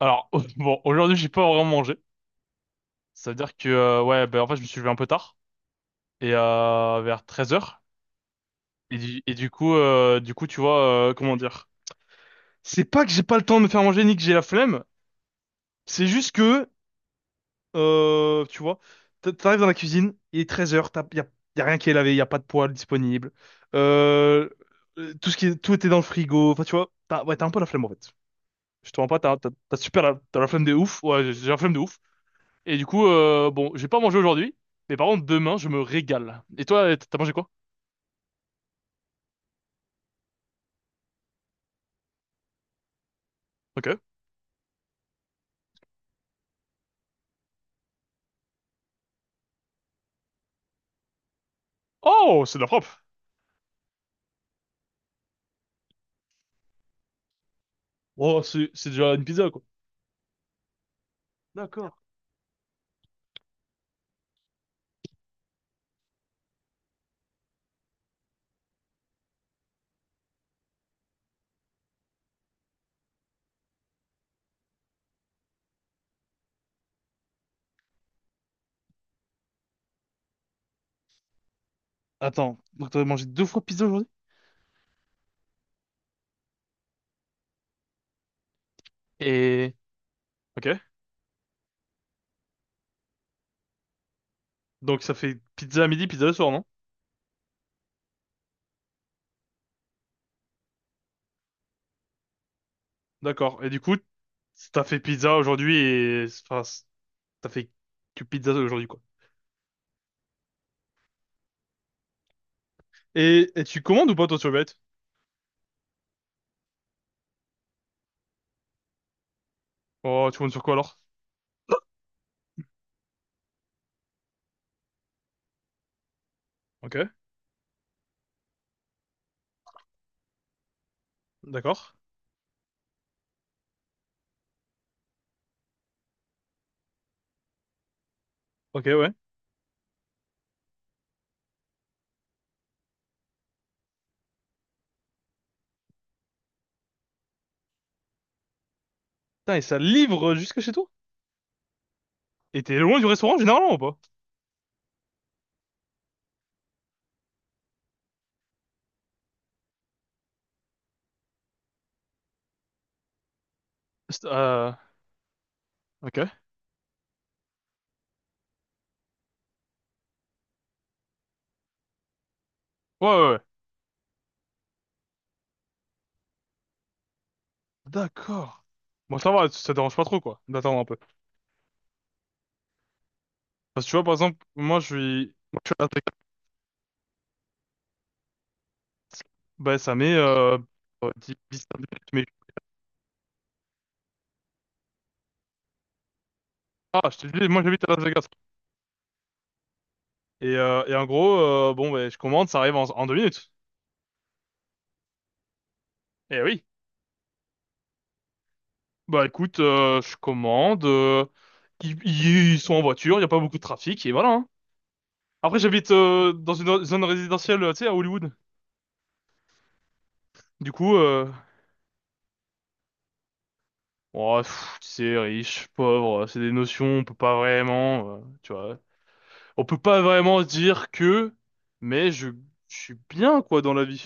Alors, bon, aujourd'hui, j'ai pas vraiment mangé. Ça veut dire que, ouais, ben, en fait, je me suis levé un peu tard. Vers 13 heures. Tu vois, comment dire? C'est pas que j'ai pas le temps de me faire manger ni que j'ai la flemme. C'est juste que, tu vois, t'arrives dans la cuisine, il est 13h, y a rien qui est lavé, y a pas de poêle disponible. Euh, tout ce qui est, tout était dans le frigo. Enfin, tu vois, ouais, t'as un peu la flemme, en fait. Je te mens pas, t'as super t'as la flemme de ouf. Ouais, j'ai la flemme de ouf. Et du coup, bon, j'ai pas mangé aujourd'hui, mais par contre, demain, je me régale. Et toi, t'as mangé quoi? Ok. Oh, c'est de la frappe. Oh, c'est déjà une pizza, quoi. D'accord. Attends, donc t'as mangé deux fois pizza aujourd'hui? Et... Ok. Donc ça fait pizza à midi, pizza le soir, non? D'accord. Et du coup, t'as fait pizza aujourd'hui et... Enfin, t'as fait que pizza aujourd'hui, quoi. Et tu commandes ou pas, toi, sur Uber Eats? Oh, tu commandes sur quoi, alors? Ok. D'accord. Ok, ouais. Putain, et ça livre jusque chez toi? Et t'es loin du restaurant, généralement, ou pas? C'est- Euh... Ok. Ouais, ouais, ouais. D'accord. Bon, ça va, ça dérange pas trop, quoi, d'attendre un peu. Parce que tu vois, par exemple, moi, je suis à Las Vegas. Bah, ça met, 10, 10, 15 minutes, mais, ah, je te dis, moi, j'habite à Las Vegas. Et en gros, bon, bah, je commande, ça arrive en, en deux minutes. Eh oui. Bah, écoute, je commande, ils sont en voiture, il n'y a pas beaucoup de trafic, et voilà, hein. Après, j'habite, dans une zone résidentielle, tu sais, à Hollywood. Du coup, oh, pff, tu sais, riche, pauvre, c'est des notions, on peut pas vraiment, tu vois. On peut pas vraiment dire que, mais je, je suis bien, quoi, dans la vie.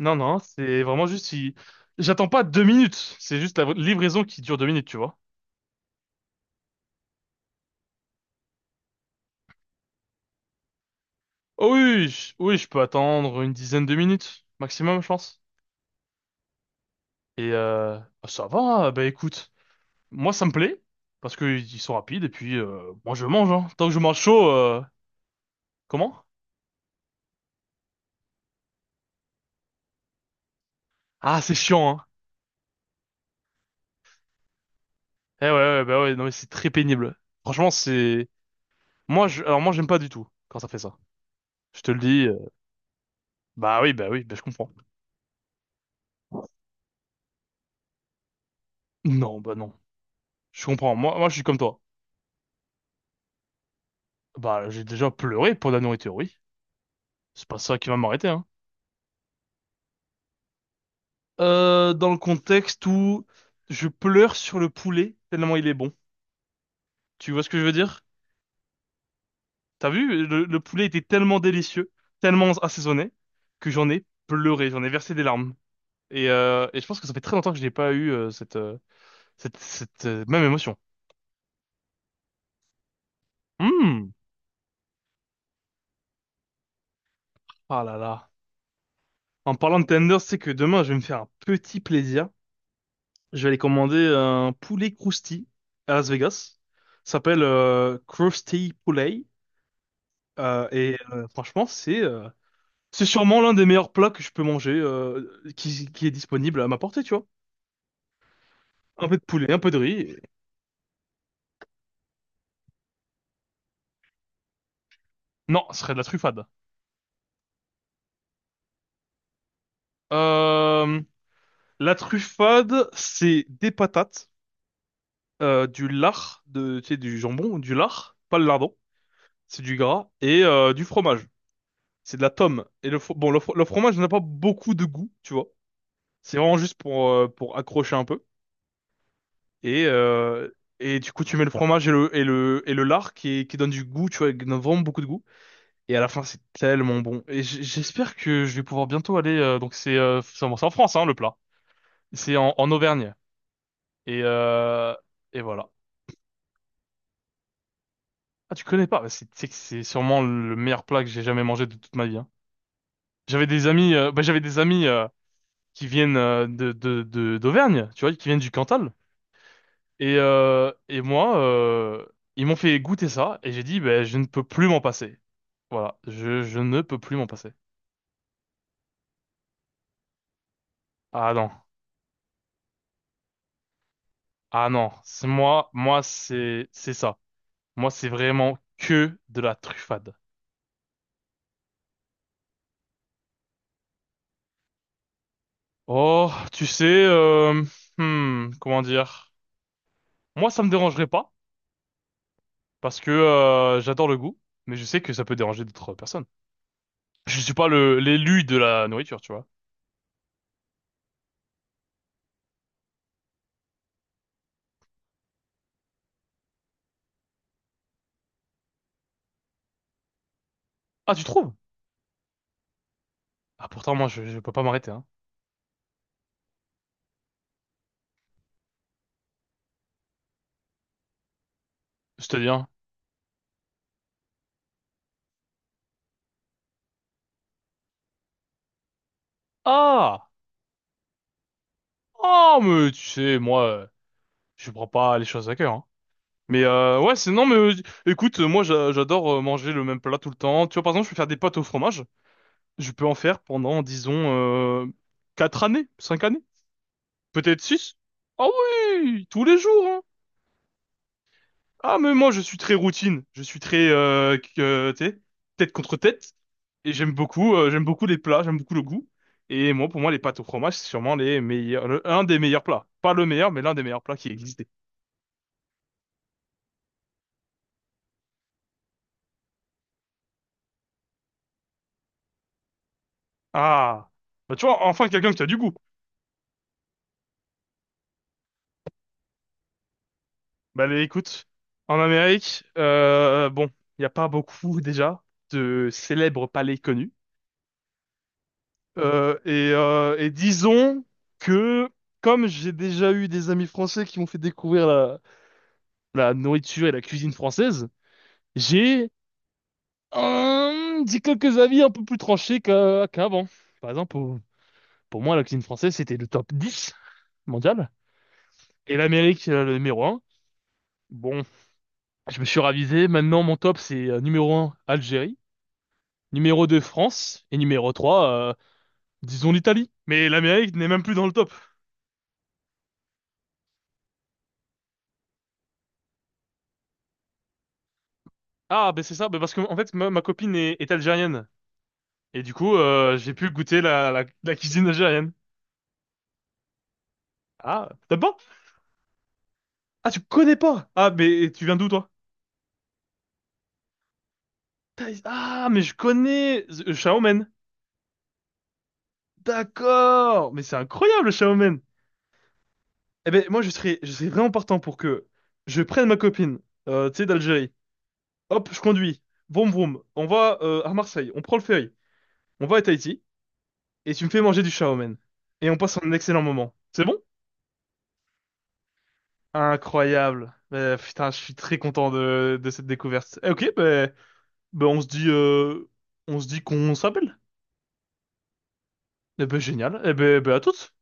Non, non, c'est vraiment juste si... J'attends pas deux minutes, c'est juste la livraison qui dure deux minutes, tu vois. Oh oui, oui, je peux attendre une dizaine de minutes, maximum, je pense. Et ah, ça va, bah écoute, moi ça me plaît, parce que ils sont rapides, et puis moi je mange, hein. Tant que je mange chaud, comment? Ah, c'est chiant, hein. Eh ouais, ouais, bah ouais, non mais c'est très pénible. Franchement, c'est... Moi, je... Alors moi j'aime pas du tout quand ça fait ça. Je te le dis. Bah oui, bah oui, bah je comprends. Non, bah non. Je comprends. Moi, moi, je suis comme toi. Bah, j'ai déjà pleuré pour de la nourriture, oui. C'est pas ça qui va m'arrêter, hein. Dans le contexte où je pleure sur le poulet tellement il est bon. Tu vois ce que je veux dire? T'as vu? Le poulet était tellement délicieux, tellement assaisonné, que j'en ai pleuré, j'en ai versé des larmes. Et je pense que ça fait très longtemps que je n'ai pas eu cette même émotion. Hum. Ah là là. En parlant de tenders, c'est que demain, je vais me faire un petit plaisir. Je vais aller commander un poulet crousti à Las Vegas. Ça s'appelle Krusty Poulet. Franchement, c'est sûrement l'un des meilleurs plats que je peux manger, qui est disponible à ma portée, tu vois. Un peu de poulet, un peu de riz. Et... Non, ce serait de la truffade. Euh, la truffade, c'est des patates, du lard, de, tu sais, du jambon, du lard, pas le lardon, c'est du gras, et du fromage. C'est de la tome. Et le, fro- bon, le, fro- le fromage n'a pas beaucoup de goût, tu vois. C'est vraiment juste pour accrocher un peu. Et, euh, et du coup, tu mets le fromage et le lard qui donne du goût, tu vois, qui donne vraiment beaucoup de goût. Et à la fin, c'est tellement bon. Et j'espère que je vais pouvoir bientôt aller. Donc, c'est en France, hein, le plat. C'est en, en Auvergne. Et, euh, et voilà. Ah, tu connais pas? Bah, c'est sûrement le meilleur plat que j'ai jamais mangé de toute ma vie, hein. J'avais des amis, qui viennent d'Auvergne, tu vois, qui viennent du Cantal. Et, ils m'ont fait goûter ça et j'ai dit, ben, je ne peux plus m'en passer. Voilà, je ne peux plus m'en passer. Ah non, ah non, moi c'est ça. Moi c'est vraiment que de la truffade. Oh, tu sais, hmm, comment dire? Moi ça me dérangerait pas parce que j'adore le goût, mais je sais que ça peut déranger d'autres personnes. Je suis pas le l'élu de la nourriture, tu vois. Ah, tu trouves? Ah pourtant je peux pas m'arrêter, hein. Je te dis, hein. Ah! Oh, mais tu sais, moi, je prends pas les choses à cœur, hein. Mais ouais, c'est non, mais écoute, j'adore manger le même plat tout le temps. Tu vois, par exemple, je peux faire des pâtes au fromage. Je peux en faire pendant, disons, 4 années, 5 années, peut-être six. Ah oui, tous les jours, hein. Ah, mais moi, je suis très routine. Je suis très, tu sais, tête contre tête. Et j'aime beaucoup les plats, j'aime beaucoup le goût. Et moi, pour moi, les pâtes au fromage, c'est sûrement un des meilleurs plats. Pas le meilleur, mais l'un des meilleurs plats qui existent. Ah, bah tu vois, enfin quelqu'un qui a du goût. Bah allez, écoute, en Amérique, bon, il n'y a pas beaucoup déjà de célèbres palais connus. Et disons que, comme j'ai déjà eu des amis français qui m'ont fait découvrir la nourriture et la cuisine française, j'ai dit quelques avis un peu plus tranchés qu'avant. Par exemple, pour moi, la cuisine française, c'était le top 10 mondial, et l'Amérique, le numéro un. Bon, je me suis ravisé. Maintenant, mon top, c'est numéro un, Algérie. Numéro 2, France. Et numéro 3, disons l'Italie. Mais l'Amérique n'est même plus dans le top. Ah, ben c'est ça. Ben parce que, en fait, ma copine est algérienne. Et du coup, j'ai pu goûter la cuisine algérienne. Ah, t'as pas? Ah, tu connais pas? Ah, mais tu viens d'où, toi? Thaïs- Ah, mais je connais Shaomen. D'accord. Mais c'est incroyable, Shaomen. Eh ben, moi, je serais vraiment partant pour que je prenne ma copine, tu sais, d'Algérie. Hop, je conduis. Vroom vroom. On va à Marseille. On prend le ferry. On va à Tahiti. Et tu me fais manger du shaomen. Et on passe un excellent moment. C'est bon? Incroyable. Putain, je suis très content de cette découverte. Eh, ok, ben ben on se dit, euh, on se dit qu'on s'appelle. Eh ben génial. Eh ben, ben à toutes.